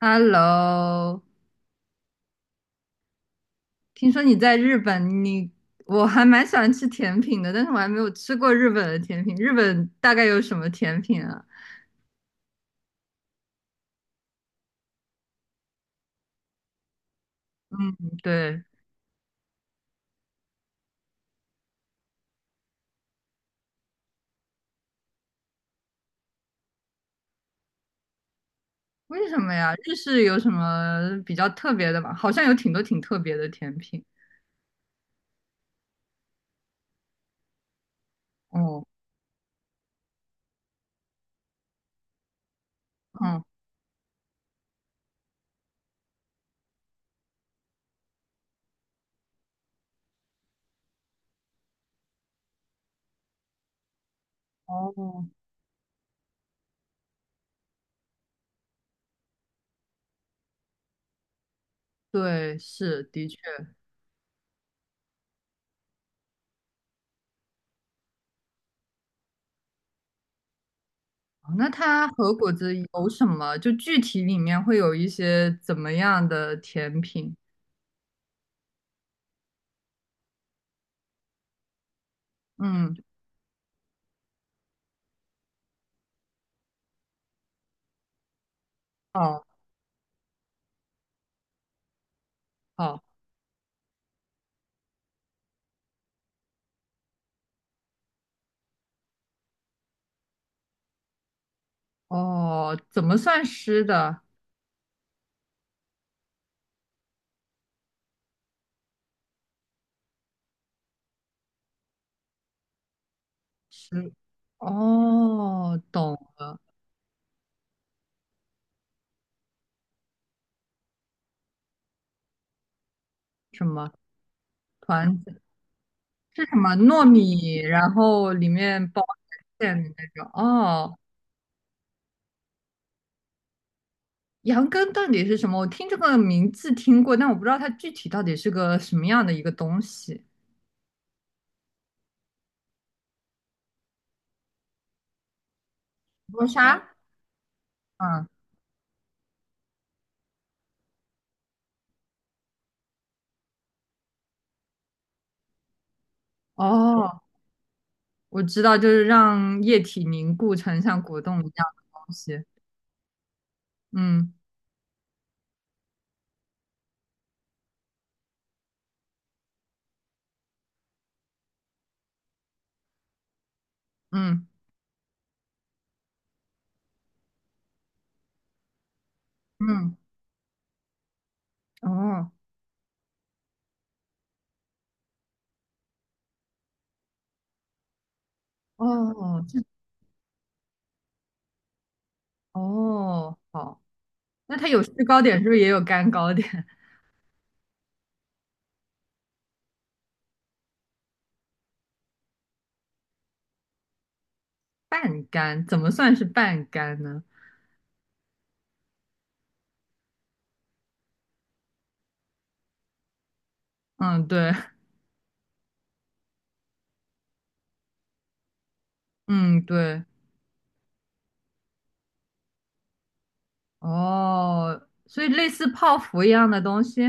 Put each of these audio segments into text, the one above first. Hello，听说你在日本，你我还蛮喜欢吃甜品的，但是我还没有吃过日本的甜品。日本大概有什么甜品啊？嗯，对，为什么呀？日式有什么比较特别的吗？好像有挺多挺特别的甜品。哦，嗯，哦，对，是，的确。哦那它和果子有什么？就具体里面会有一些怎么样的甜品？嗯，哦，好，哦，怎么算湿的？是哦，懂什么团子是什么糯米，然后里面包馅的那种。哦，羊羹到底是什么？我听这个名字听过，但我不知道它具体到底是个什么样的一个东西。磨砂，嗯，哦，我知道，就是让液体凝固成像果冻一样的东西。嗯嗯嗯，哦哦，这哦好，那它有制高点，是不是也有干糕点？半干，怎么算是半干呢？嗯，对，嗯，对，哦，所以类似泡芙一样的东西，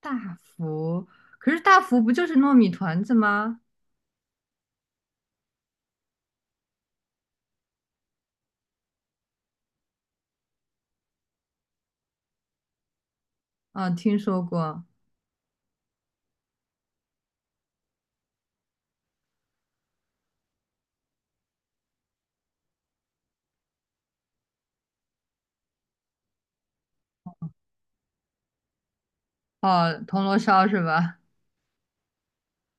大福，可是大福不就是糯米团子吗？啊，听说过，哦，铜锣烧是吧？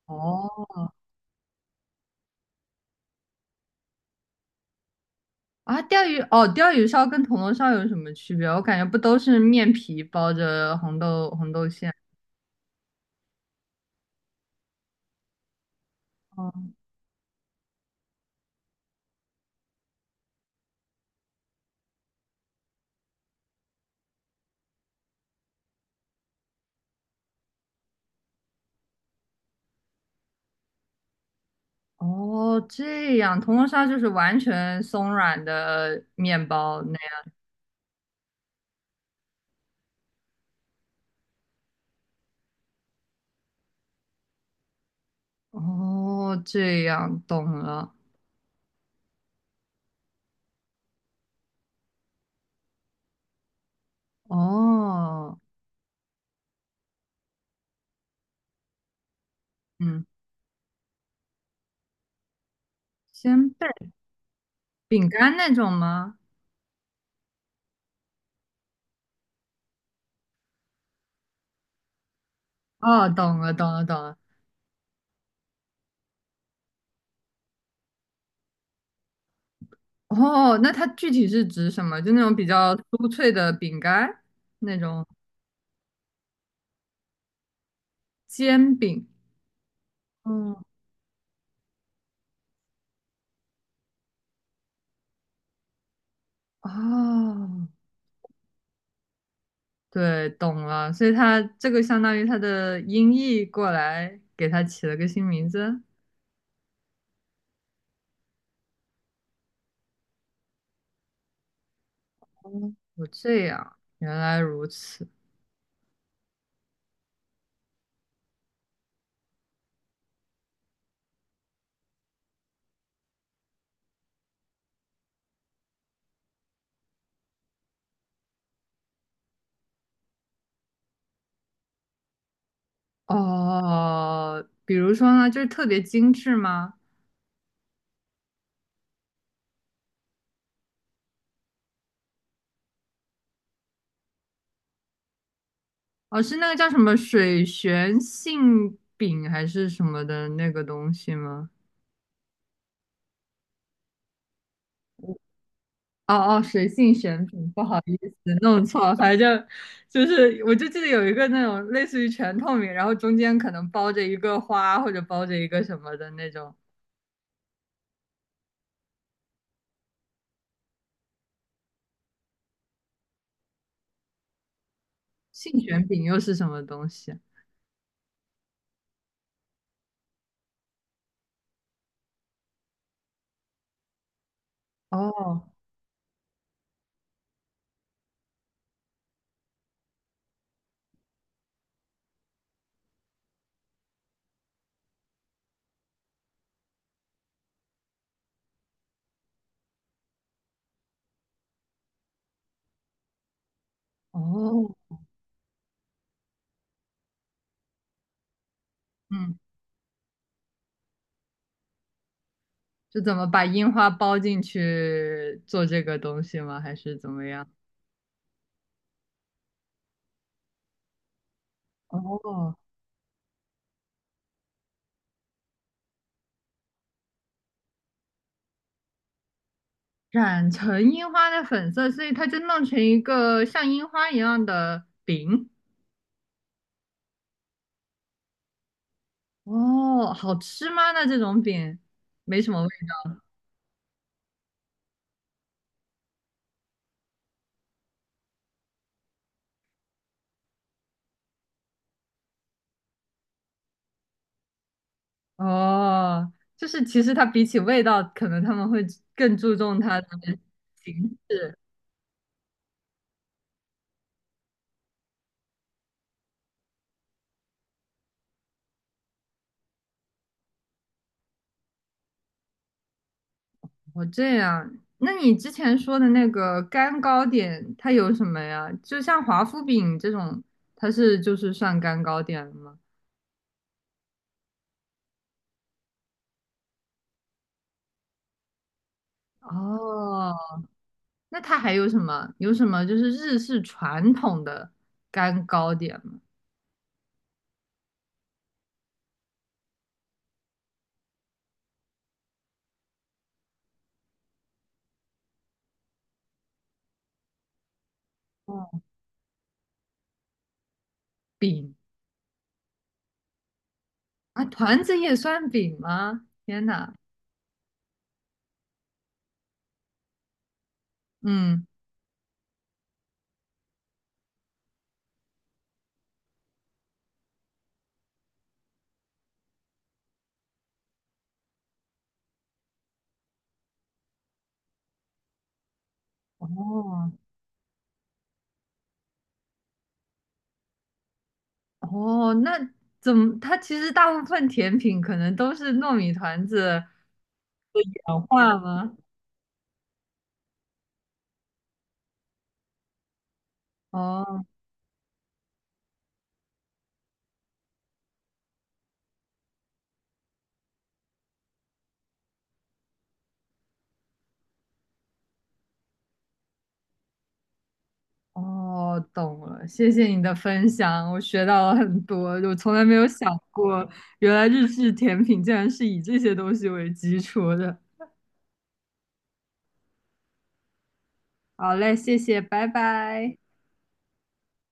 哦，啊，钓鱼，哦，钓鱼烧跟铜锣烧有什么区别？我感觉不都是面皮包着红豆红豆馅？哦，哦，这样，铜锣烧就是完全松软的面包，哦，这样懂了。哦，嗯，鲜贝饼干那种吗？哦，懂了，懂了，懂了。哦，那它具体是指什么？就那种比较酥脆的饼干，那种煎饼。嗯，哦，对，懂了。所以它这个相当于它的音译过来，给它起了个新名字。哦，这样，原来如此。哦，比如说呢，就是特别精致吗？哦，是那个叫什么水旋馅饼还是什么的那个东西吗？哦哦，水性旋饼，不好意思，弄错了。反正就是，我就记得有一个那种类似于全透明，然后中间可能包着一个花或者包着一个什么的那种。杏旋饼又是什么东西？哦哦，嗯，是怎么把樱花包进去做这个东西吗？还是怎么样？哦染成樱花的粉色，所以它就弄成一个像樱花一样的饼。哦，好吃吗？那这种饼没什么味道哦，就是其实它比起味道，可能他们会更注重它的形式。哦，这样。那你之前说的那个干糕点，它有什么呀？就像华夫饼这种，它是就是算干糕点了吗？哦，那它还有什么？有什么就是日式传统的干糕点吗？嗯，饼啊，团子也算饼吗？天呐，嗯，哦，哦，那怎么？它其实大部分甜品可能都是糯米团子氧化吗？哦哦，懂了，谢谢你的分享，我学到了很多，我从来没有想过，原来日式甜品竟然是以这些东西为基础的。好嘞，谢谢，拜拜。